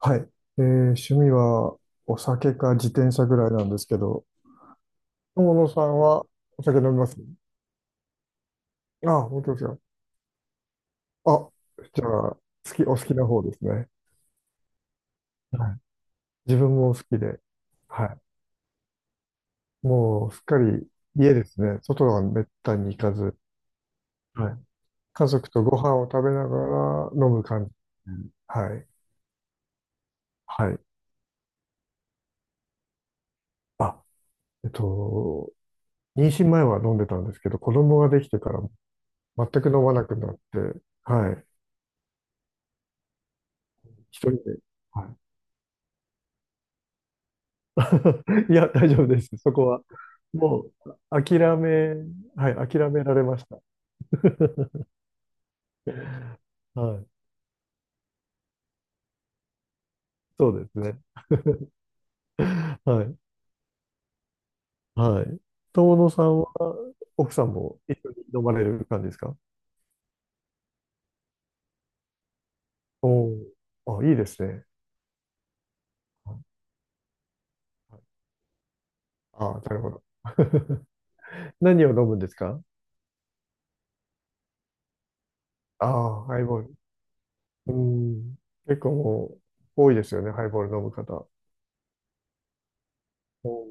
はい。えー趣味はお酒か自転車ぐらいなんですけど、友野さんはお酒飲みます？ああ、本当ですよ。あ、じゃあ、お好きな方ですね。はい。自分も好きで、はい。もうすっかり家ですね。外はめったに行かず、はい。家族とご飯を食べながら飲む感じ。うん、はい。はい。あ、えっと、妊娠前は飲んでたんですけど、子供ができてから全く飲まなくなって、はい。一人で。はい いや、大丈夫です。そこは。もう、諦め、はい、諦められました。はい。そうですね。はい。はい。友野さんは、奥さんも一緒に飲まれる感じですか？おおー、あ、いいですね。ああ、なるほど。何を飲むんですか？ああ、ハイボール。うん。結構もう、多いですよね、ハイボール飲む方。おー。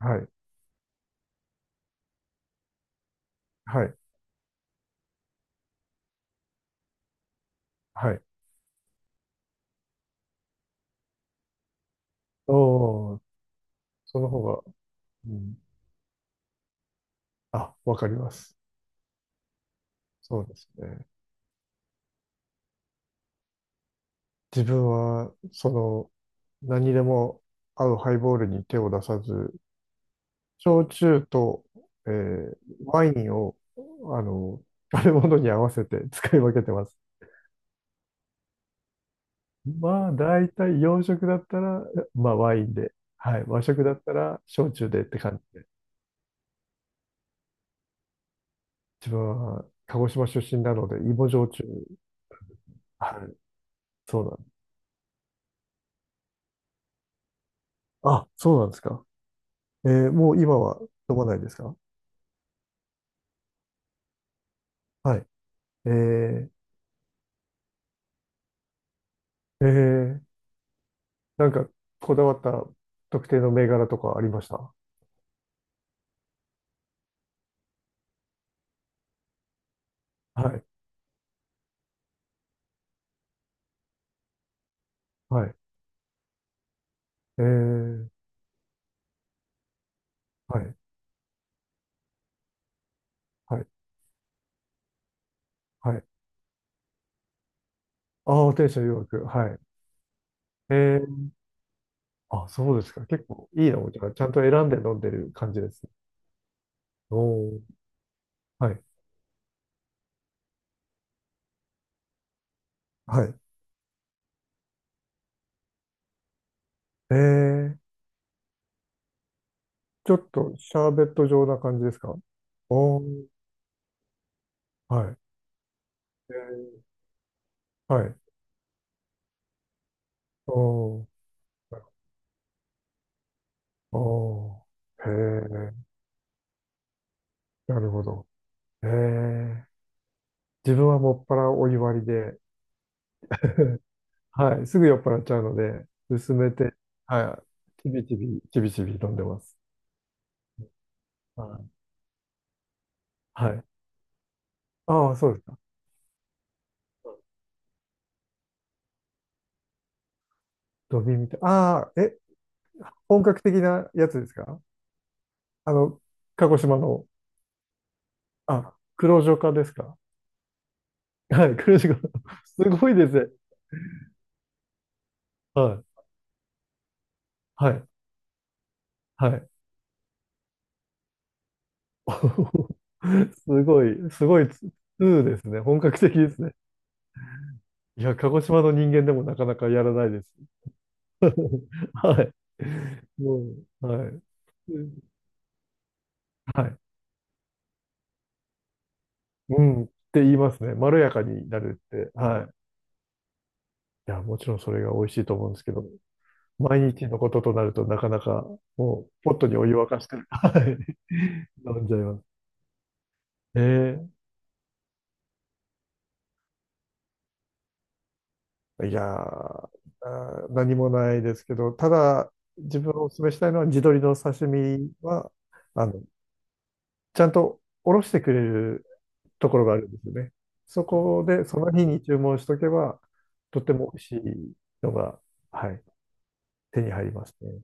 はい。はい。はい。おお、その方が、うん、あ、わかります。そうですね。自分は、何でも合うハイボールに手を出さず、焼酎と、えーワインを、あの、食べ物に合わせて 使い分けてます。まあ、大体洋食だったら、まあ、ワインで、はい、和食だったら、焼酎でって感じで。自分は、鹿児島出身なので、芋焼酎。はい、そうなんです。あ、そうなんですか。もう今は飲まないですか？はい。えー、えーなんか、こだわった特定の銘柄とかありました？はい。はい。えー、はい。はい。はい。ああ、天使の誘惑。はい。えー、あ、そうですか。結構いいのじゃあ、ちゃんと選んで飲んでる感じですね。おー。はい。はい。えー、ちょっとシャーベット状な感じですか？おー。はい。えはい。おー。おー。へえ、なるほど。へえ、自分はもっぱらお湯割りで。 はい、すぐ酔っ払っちゃうので、薄めて、はい、ちびちび、ちびちび飲んでます。はい。はい。ああ、そうですか。ドビーみたい。ああ、え、本格的なやつですか？あの、鹿児島の、あ、黒潮化ですか？はい、黒潮化。すごいですね。はい、はい、はい。すごい、すごいツーですね。本格的ですね。いや、鹿児島の人間でもなかなかやらないです。はい。もう、はい。はい。うん、って言いますね。まろやかになるって。はい。いや、もちろんそれが美味しいと思うんですけど、毎日のこととなるとなかなかもうポットにお湯沸かしてる。はい。飲んじゃいます。ええ、いやー、何もないですけど、ただ自分をお勧めしたいのは地鶏の刺身は、あの、ちゃんとおろしてくれるところがあるんですよね。そこでその日に注文しとけば、とっても美味しいのが、はい、手に入りますね。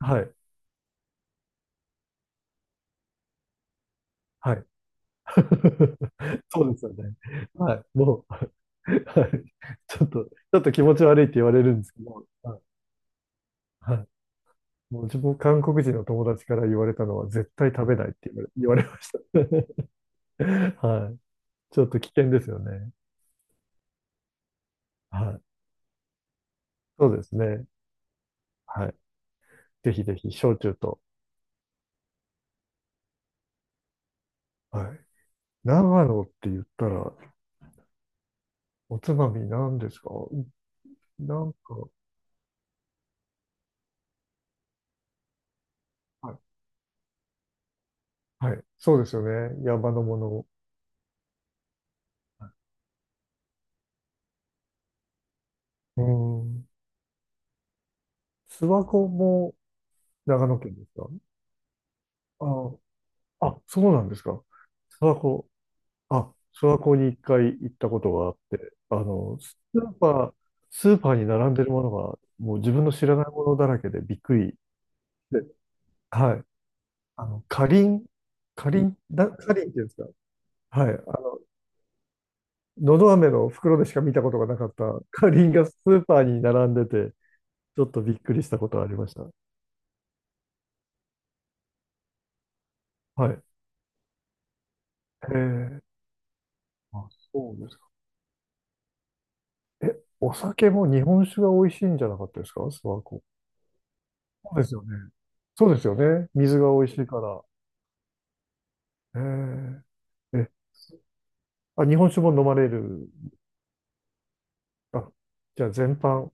はい。はい。そうですよね。はい。もう、はい。ちょっと、ちょっと気持ち悪いって言われるんですけど、はい。はい。もう自分、韓国人の友達から言われたのは、絶対食べないって言われ、言われました。はい。ちょっと危険ですよね。はい。そうですね。はい。ぜひぜひ、焼酎と。はい。長野って言ったら、おつまみ何ですか？なんか、はい。はい。そうですよね。山のものを。はい、うん。諏訪湖も、長野県ですか？ああ、そうなんですか。諏訪湖、あ、諏訪湖に一回行ったことがあって、スーパーに並んでるものが、もう自分の知らないものだらけでびっくりで、はい。あの、かりん、かりんっていうんですか。はい。の、のど飴の袋でしか見たことがなかったかりんがスーパーに並んでて、ちょっとびっくりしたことがありました。はい。へえ。あ、そうです。え、お酒も日本酒が美味しいんじゃなかったですか？諏訪湖。そうですよね。そうですよね。水が美味しいから。えー、え、あ、日本酒も飲まれる。あ、じゃあ全般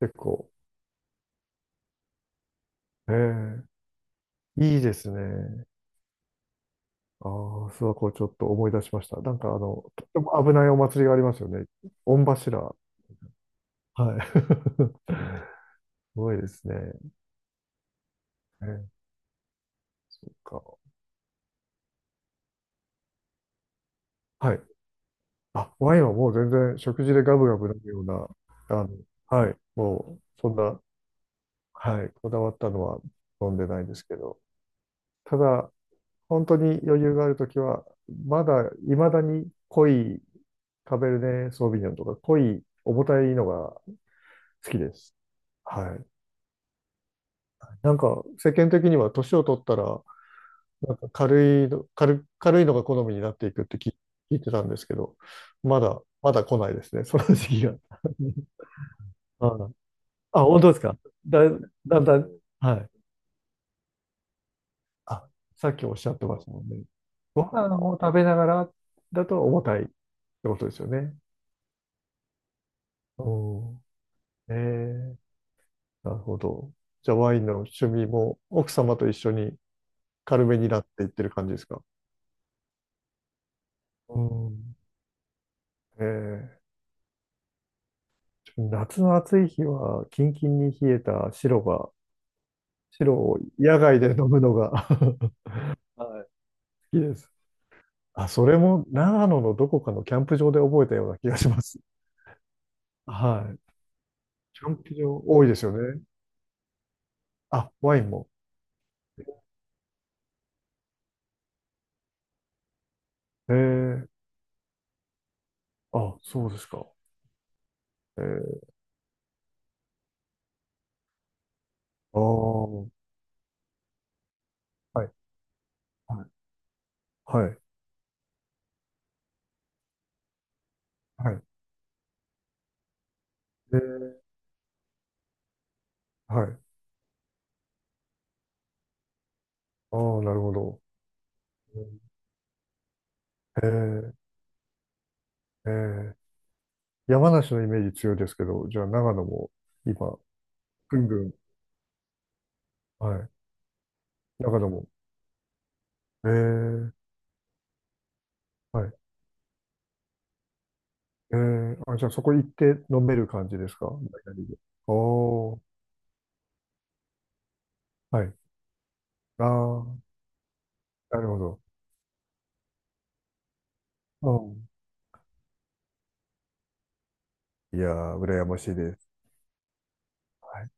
結構。えー、いいですね。ああ、諏訪湖ちょっと思い出しました。なんかとっても危ないお祭りがありますよね。御柱。はい。すごいですね。なんか、はい。あ、ワインはもう全然食事でガブガブ飲むような、あの、はい。もう、そんなはい、こだわったのは飲んでないですけど、ただ、本当に余裕があるときは、まだ、いまだに濃いカベルネ・ソーヴィニョンとか、濃い重たいのが好きです。はい。なんか、世間的には年を取ったら、なんか軽いの、軽いのが好みになっていくって聞いてたんですけど、まだ来ないですね、その時期が。ああ、本当ですか。だ、だんだん、はい。あ、さっきおっしゃってましたもんね。ご飯を食べながらだと重たいってことですよね。おー。えー、なるほど。じゃあワインの趣味も奥様と一緒に軽めになっていってる感じですか？うん。えー、夏の暑い日はキンキンに冷えた白が、白を野外で飲むのが はい、好きです。あ、それも長野のどこかのキャンプ場で覚えたような気がします。はい。キャンプ場多いですよね。あ、ワインも。ええ、あ、そうですか。ええ、ああ、はい、はい、はい、はい。ええ、はい。ああ、なるほど。ええ、ええ、山梨のイメージ強いですけど、じゃあ長野も今、ぐんぐん、はい、長野も。ええ、はい。ええ、あ、じゃあそこ行って飲める感じですか？ダイナリで。おー、はい。ああ、なるほど。うん。いやー、羨ましいです。はい